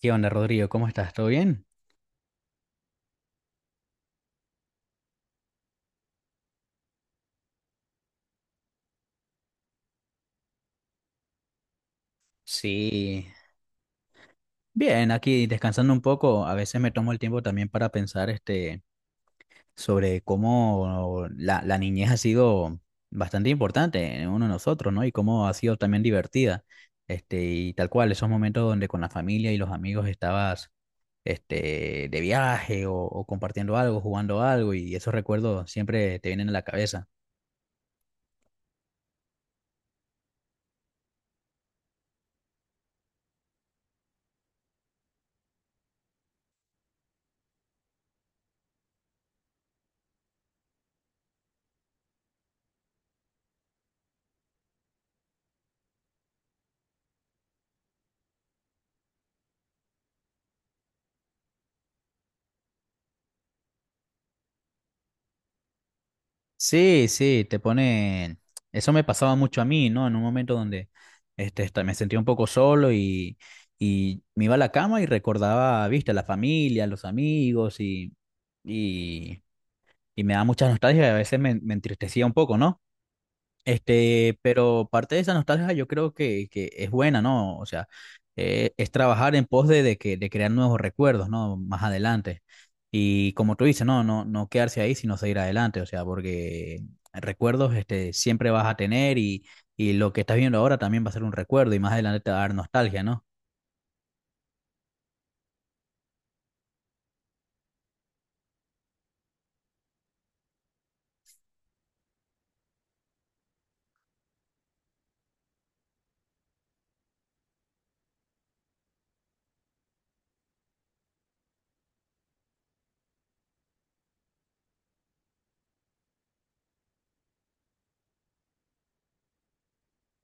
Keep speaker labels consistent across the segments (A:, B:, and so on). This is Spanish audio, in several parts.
A: ¿Qué onda, Rodrigo? ¿Cómo estás? ¿Todo bien? Sí, bien, aquí descansando un poco. A veces me tomo el tiempo también para pensar sobre cómo la niñez ha sido bastante importante en uno de nosotros, ¿no? Y cómo ha sido también divertida. Y tal cual, esos momentos donde con la familia y los amigos estabas de viaje o compartiendo algo, jugando algo, y esos recuerdos siempre te vienen a la cabeza. Sí, sí, Eso me pasaba mucho a mí, ¿no? En un momento donde me sentía un poco solo y me iba a la cama y recordaba, viste, la familia, los amigos y, y me daba mucha nostalgia y a veces me entristecía un poco, ¿no? Pero parte de esa nostalgia yo creo que es buena, ¿no? O sea, es trabajar en pos de, de crear nuevos recuerdos, ¿no? Más adelante. Y como tú dices, no, no, no quedarse ahí, sino seguir adelante, o sea, porque recuerdos, siempre vas a tener y lo que estás viendo ahora también va a ser un recuerdo y más adelante te va a dar nostalgia, ¿no?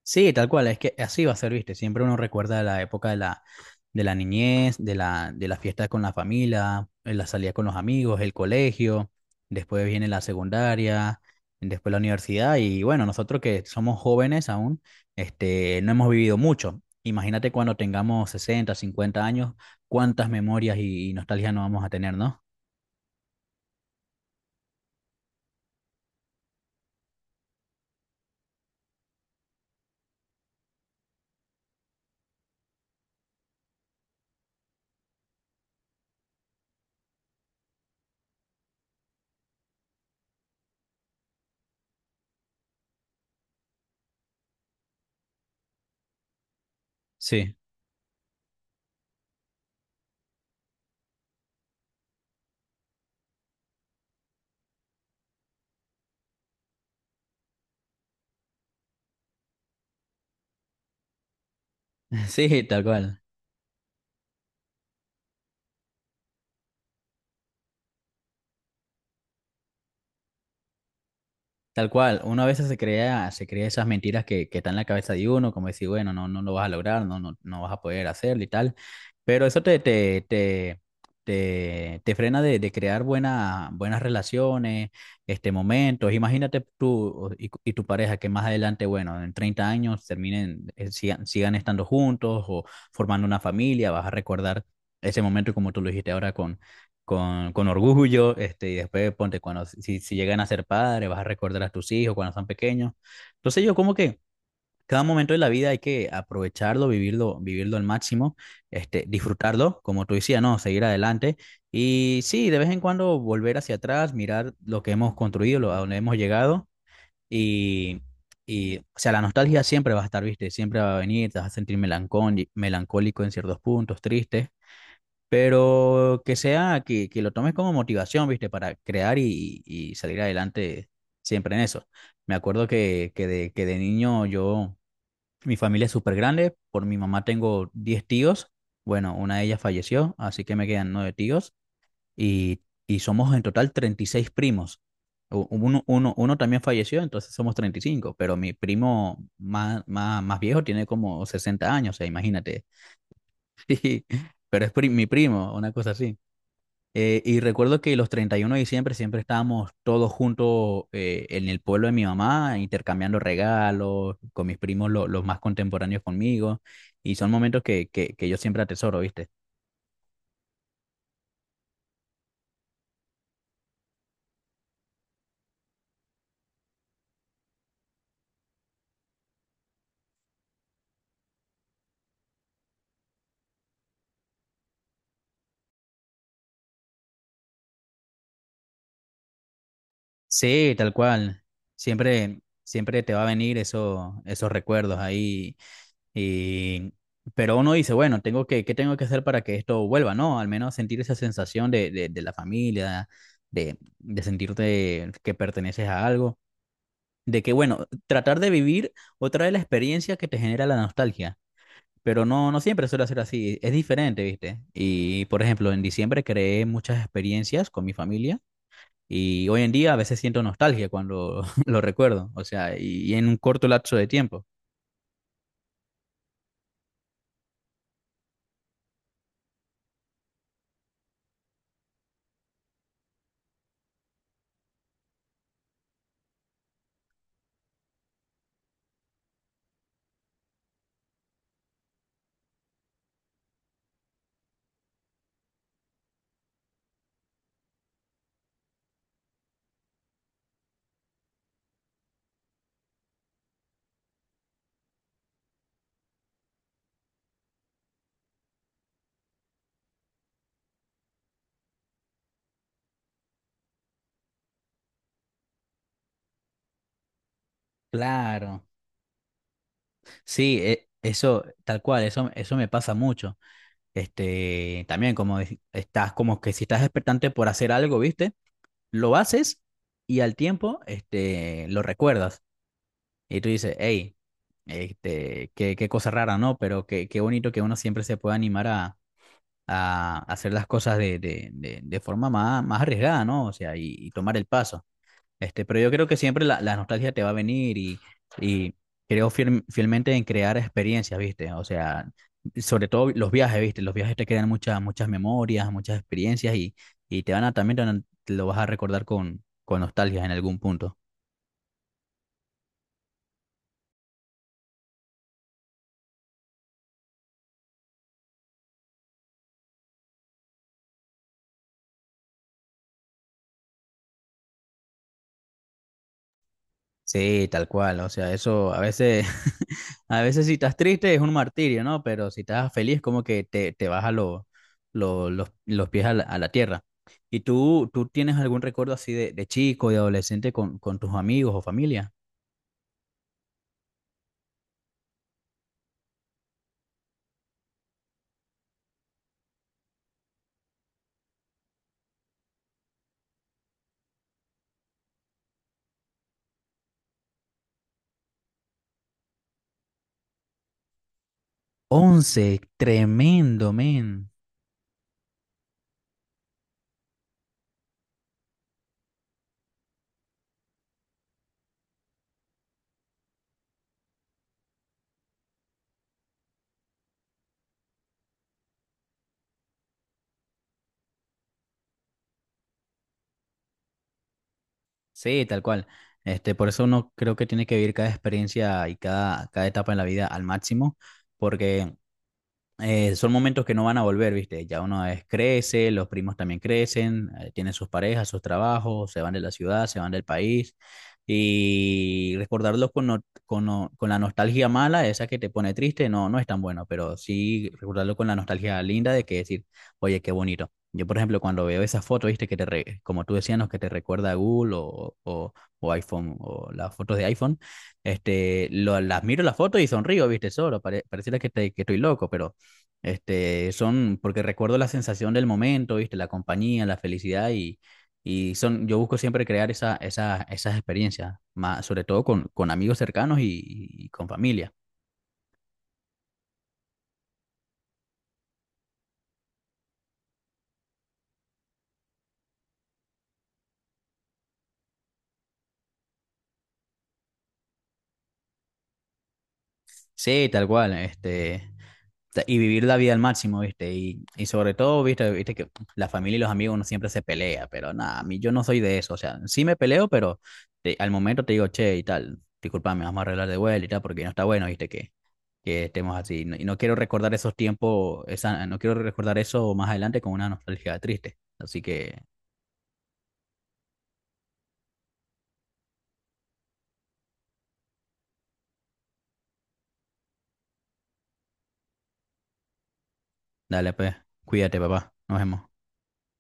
A: Sí, tal cual, es que así va a ser, viste. Siempre uno recuerda la época de la niñez, de la, de las fiestas con la familia, la salida con los amigos, el colegio, después viene la secundaria, después la universidad. Y bueno, nosotros que somos jóvenes aún, no hemos vivido mucho. Imagínate cuando tengamos 60, 50 años, cuántas memorias y nostalgia no vamos a tener, ¿no? Sí, sí, tal cual. Tal cual, uno a veces se crea esas mentiras que están en la cabeza de uno, como decir, bueno, no, no lo vas a lograr, no, no, no vas a poder hacerlo y tal, pero eso te frena de crear buena, buenas relaciones, momentos. Imagínate tú y tu pareja que más adelante, bueno, en 30 años terminen, sigan estando juntos o formando una familia, vas a recordar ese momento como tú lo dijiste ahora con, con orgullo, y después ponte, cuando si llegan a ser padres, vas a recordar a tus hijos cuando son pequeños. Entonces yo como que cada momento de la vida hay que aprovecharlo, vivirlo al máximo, disfrutarlo, como tú decías, ¿no? Seguir adelante y sí, de vez en cuando volver hacia atrás, mirar lo que hemos construido, lo, a donde hemos llegado y, o sea, la nostalgia siempre va a estar, ¿viste? Siempre va a venir, te vas a sentir melancólico en ciertos puntos, triste, pero que sea, que lo tomes como motivación, ¿viste? Para crear y salir adelante siempre en eso. Me acuerdo que de niño yo, mi familia es súper grande. Por mi mamá tengo 10 tíos. Bueno, una de ellas falleció, así que me quedan 9 tíos y, y somos en total 36 primos. Uno también falleció, entonces somos 35, pero mi primo más viejo tiene como 60 años, o sea, imagínate. Pero es mi primo, una cosa así. Y recuerdo que los 31 de diciembre siempre estábamos todos juntos, en el pueblo de mi mamá, intercambiando regalos con mis primos, los más contemporáneos conmigo. Y son momentos que yo siempre atesoro, ¿viste? Sí, tal cual. Siempre, siempre te va a venir eso, esos recuerdos ahí. Y, pero uno dice, bueno, tengo que, ¿qué tengo que hacer para que esto vuelva, ¿no? Al menos sentir esa sensación de la familia, de sentirte que perteneces a algo. De que, bueno, tratar de vivir otra vez la experiencia que te genera la nostalgia. Pero no, no siempre suele ser así. Es diferente, ¿viste? Y, por ejemplo, en diciembre creé muchas experiencias con mi familia. Y hoy en día a veces siento nostalgia cuando lo recuerdo. O sea, y en un corto lapso de tiempo. Claro. Sí, eso, tal cual, eso me pasa mucho. También como estás, como que si estás expectante por hacer algo, ¿viste? Lo haces y al tiempo, lo recuerdas. Y tú dices, hey, qué cosa rara, ¿no? Pero qué bonito que uno siempre se pueda animar a hacer las cosas de forma más arriesgada, ¿no? O sea, y tomar el paso. Pero yo creo que siempre la nostalgia te va a venir y creo fielmente en crear experiencias, ¿viste? O sea, sobre todo los viajes, ¿viste? Los viajes te crean muchas, muchas memorias, muchas experiencias y te van a te lo vas a recordar con nostalgia en algún punto. Sí, tal cual, o sea, eso a veces, a veces si estás triste es un martirio, ¿no? Pero si estás feliz como que te baja los pies a la tierra. ¿Y tú tienes algún recuerdo así de chico, de adolescente con tus amigos o familia? Once, tremendo, men. Sí, tal cual. Por eso uno creo que tiene que vivir cada experiencia y cada etapa en la vida al máximo, porque son momentos que no van a volver, ¿viste? Ya uno es, crece, los primos también crecen, tienen sus parejas, sus trabajos, se van de la ciudad, se van del país. Y recordarlos con, no- con, no- con la nostalgia mala, esa que te pone triste, no, no es tan bueno, pero sí recordarlo con la nostalgia linda de que decir, oye, qué bonito. Yo, por ejemplo, cuando veo esas fotos, ¿viste? Que como tú decías, ¿no? Que te recuerda a Google o iPhone, o las fotos de iPhone, las miro las fotos y sonrío, ¿viste? Solo, pareciera que, que estoy loco, pero porque recuerdo la sensación del momento, ¿viste? La compañía, la felicidad yo busco siempre crear esas experiencias, más, sobre todo con amigos cercanos y con familia. Sí, tal cual, y vivir la vida al máximo, ¿viste? Y sobre todo, ¿viste? Viste que la familia y los amigos uno siempre se pelea, pero nada, a mí yo no soy de eso, o sea, sí me peleo, pero al momento te digo, che, y tal, discúlpame, vamos a arreglar de vuelta y tal, porque no está bueno, ¿viste? Que estemos así, y no quiero recordar esos tiempos, esa, no quiero recordar eso más adelante con una nostalgia triste, así que dale, pues, cuídate, papá, nos vemos.